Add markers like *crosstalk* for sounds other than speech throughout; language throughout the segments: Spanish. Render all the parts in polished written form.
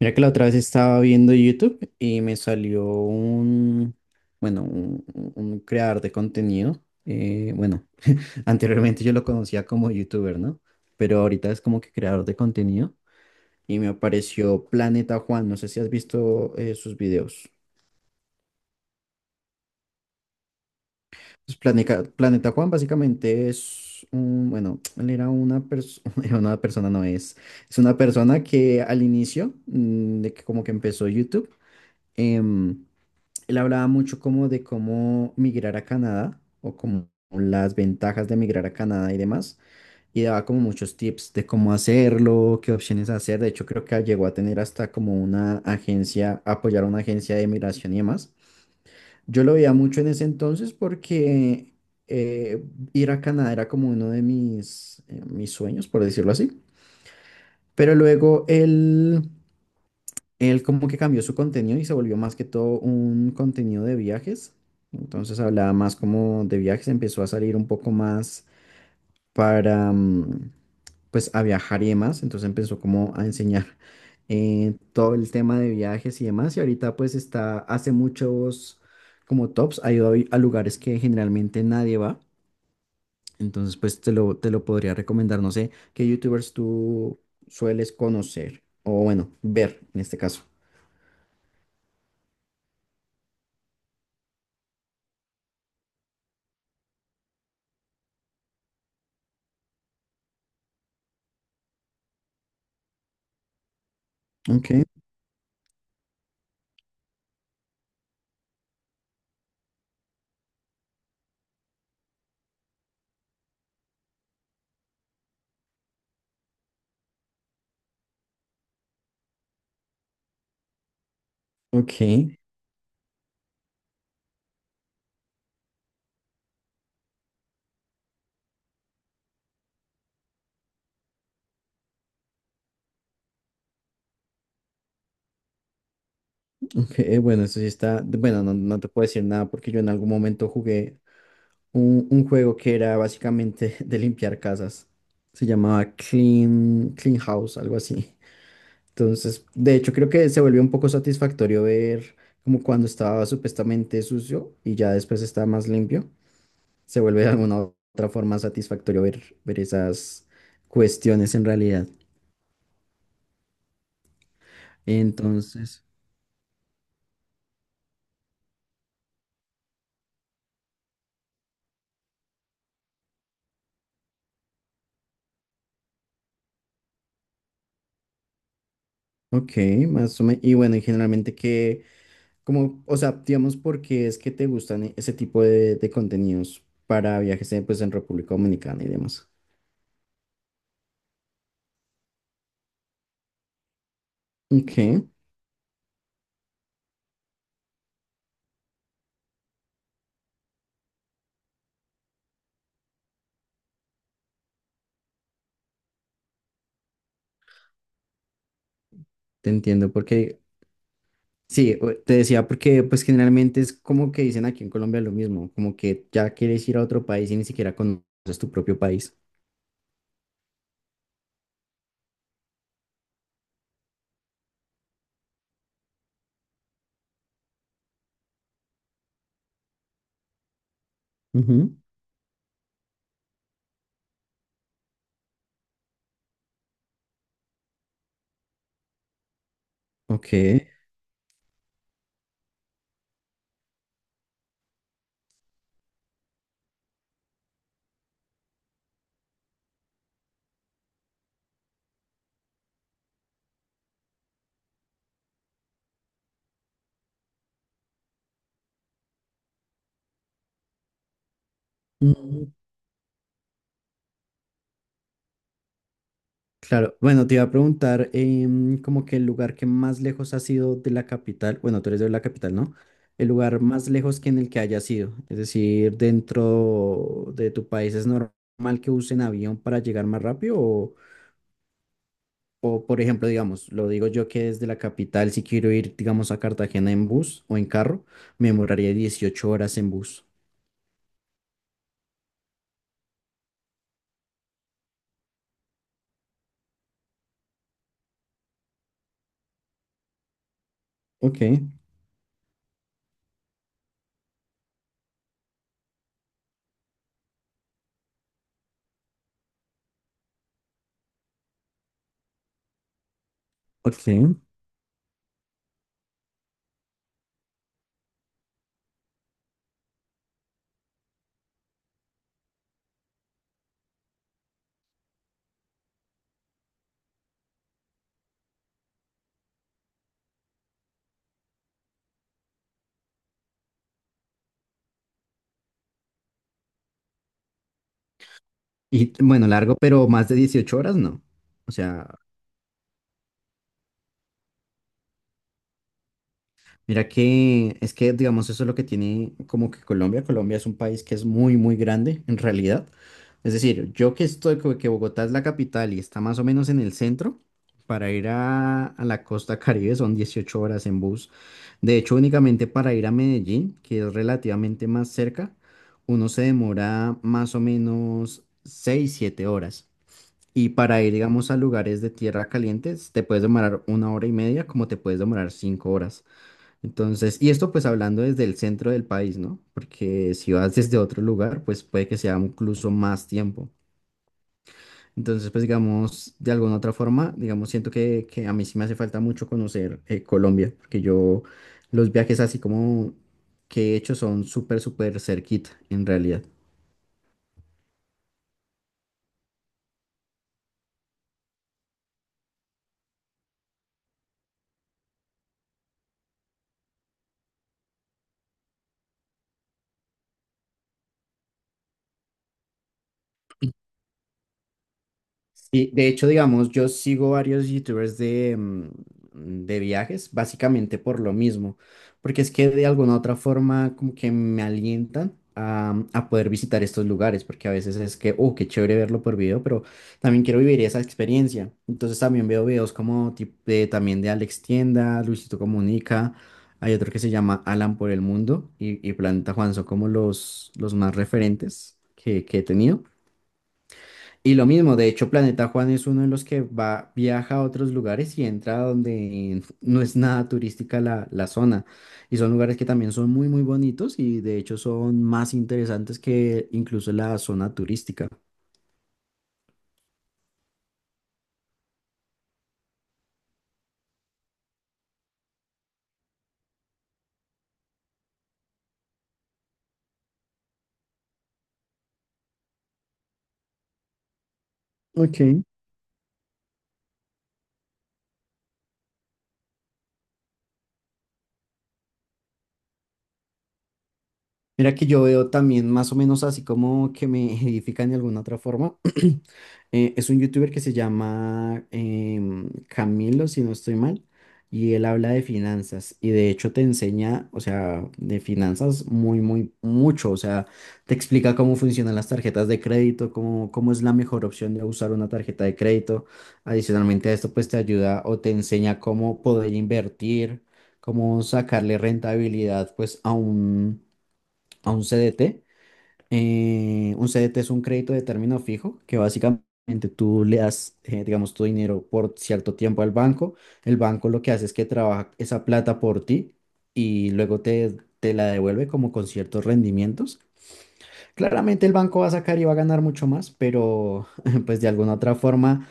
Mira que la otra vez estaba viendo YouTube y me salió un creador de contenido. Bueno, *laughs* Anteriormente yo lo conocía como YouTuber, ¿no? Pero ahorita es como que creador de contenido y me apareció Planeta Juan. No sé si has visto sus videos. Pues Planeta Juan básicamente es un, *tsk* él era una persona, *laughs* era una persona no es, es una persona que al inicio, de que como que empezó YouTube. em, Él hablaba mucho como de cómo migrar a Canadá o como las ventajas de migrar a Canadá y demás. Y daba como muchos tips de cómo hacerlo, qué opciones hacer. De hecho, creo que llegó a tener hasta como una agencia, apoyar a una agencia de migración y demás. Yo lo veía mucho en ese entonces porque eh, ir a Canadá era como uno de mis sueños, por decirlo así. Pero luego él como que cambió su contenido y se volvió más que todo un contenido de viajes. Entonces hablaba más como de viajes, empezó a salir un poco más para, mm, pues a viajar y demás. Entonces empezó como a enseñar, todo el tema de viajes y demás. Y ahorita pues está, hace muchos como tops, ha ido a, a lugares que generalmente nadie va. Entonces pues te lo podría recomendar. No sé qué youtubers tú sueles conocer o bueno, ver en este caso. Ok. Ok, ok, bueno, eso sí está, bueno, no, no te puedo decir nada porque yo en algún momento jugué un juego que era básicamente *laughs* de limpiar casas. Se llamaba Clean House, algo así. Entonces, de hecho, creo que se volvió un poco satisfactorio ver como cuando estaba supuestamente sucio y ya después está más limpio. Se vuelve de alguna otra forma satisfactorio ver esas cuestiones en realidad. Entonces, ok, más o menos. Y bueno, y generalmente qué. Como, o sea, digamos, ¿por qué es que te gustan ese tipo de contenidos para viajes en, pues, en República Dominicana y demás? Ok, te entiendo, porque sí, te decía porque pues generalmente es como que dicen aquí en Colombia lo mismo, como que ya quieres ir a otro país y ni siquiera conoces tu propio país. Ujú. Ok. Mm, Claro, bueno, te iba a preguntar, como que el lugar que más lejos ha sido de la capital, bueno, tú eres de la capital, ¿no? El lugar más lejos que en el que haya sido, es decir, dentro de tu país, ¿es normal que usen avión para llegar más rápido? Por ejemplo, digamos, lo digo yo que desde la capital, si quiero ir, digamos, a Cartagena en bus o en carro, me demoraría 18 horas en bus. Ok, ok. Y bueno, largo, pero más de 18 horas no. O sea, mira que es que, digamos, eso es lo que tiene como que Colombia. Colombia es un país que es muy, muy grande en realidad. Es decir, yo que estoy, como que Bogotá es la capital y está más o menos en el centro, para ir a la costa Caribe son 18 horas en bus. De hecho, únicamente para ir a Medellín, que es relativamente más cerca, uno se demora más o menos 6 7 horas. Y para ir, digamos, a lugares de tierra calientes, te puedes demorar 1 hora y media, como te puedes demorar 5 horas. Entonces, y esto pues hablando desde el centro del país, ¿no? Porque si vas desde otro lugar, pues puede que sea incluso más tiempo. Entonces, pues digamos, de alguna otra forma, digamos, siento que a mí sí me hace falta mucho conocer, Colombia, porque yo los viajes así como que he hecho son súper, súper cerquita, en realidad. Sí, de hecho, digamos, yo sigo varios youtubers de viajes, básicamente por lo mismo, porque es que de alguna u otra forma como que me alientan a, a poder visitar estos lugares, porque a veces es que, oh, qué chévere verlo por video, pero también quiero vivir esa experiencia. Entonces también veo videos como también de Alex Tienda, Luisito Comunica, hay otro que se llama Alan por el Mundo y Planeta Juan, son como los más referentes que he tenido. Y lo mismo, de hecho, Planeta Juan es uno de los que va, viaja a otros lugares y entra donde no es nada turística la zona. Y son lugares que también son muy, muy bonitos y de hecho son más interesantes que incluso la zona turística. Ok, mira que yo veo también más o menos así como que me *laughs* edifican de alguna otra forma. *clears throat* Es un youtuber que se llama Camilo, si no estoy mal, y él habla de finanzas y de hecho te enseña, o sea, de finanzas muy, muy, mucho, o sea, te explica cómo funcionan las tarjetas de crédito, cómo es la mejor opción de usar una tarjeta de crédito. Adicionalmente a esto, pues te ayuda o te enseña cómo poder invertir, cómo sacarle rentabilidad, pues a un CDT. Un CDT es un crédito de término fijo que básicamente tú le das, digamos, tu dinero por cierto tiempo al banco. El banco lo que hace es que trabaja esa plata por ti y luego te la devuelve como con ciertos rendimientos. Claramente el banco va a sacar y va a ganar mucho más, pero *laughs* pues de alguna otra forma.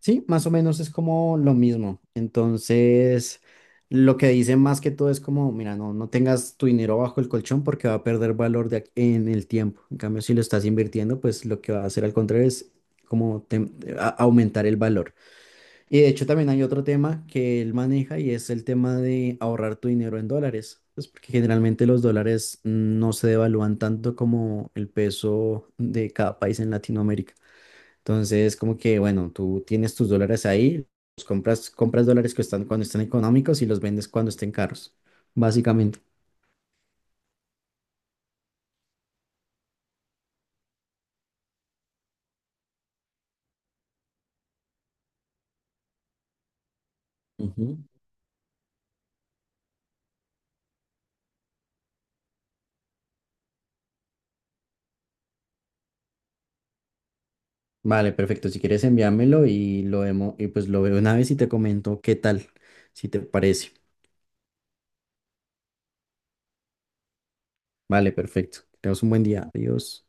Sí, más o menos es como lo mismo. Entonces, lo que dicen más que todo es como, mira, no, no tengas tu dinero bajo el colchón porque va a perder valor en el tiempo. En cambio, si lo estás invirtiendo, pues lo que va a hacer al contrario es como tem- aumentar el valor. Y de hecho también hay otro tema que él maneja y es el tema de ahorrar tu dinero en dólares. Pues porque generalmente los dólares no se devalúan tanto como el peso de cada país en Latinoamérica. Entonces, como que, bueno, tú tienes tus dólares ahí, los compras, compras dólares que están cuando están económicos y los vendes cuando estén caros, básicamente. Ujú. Vale, perfecto. Si quieres enviármelo y lo vemos, y pues lo veo una vez y te comento qué tal, si te parece. Vale, perfecto. Que tengas un buen día. Adiós.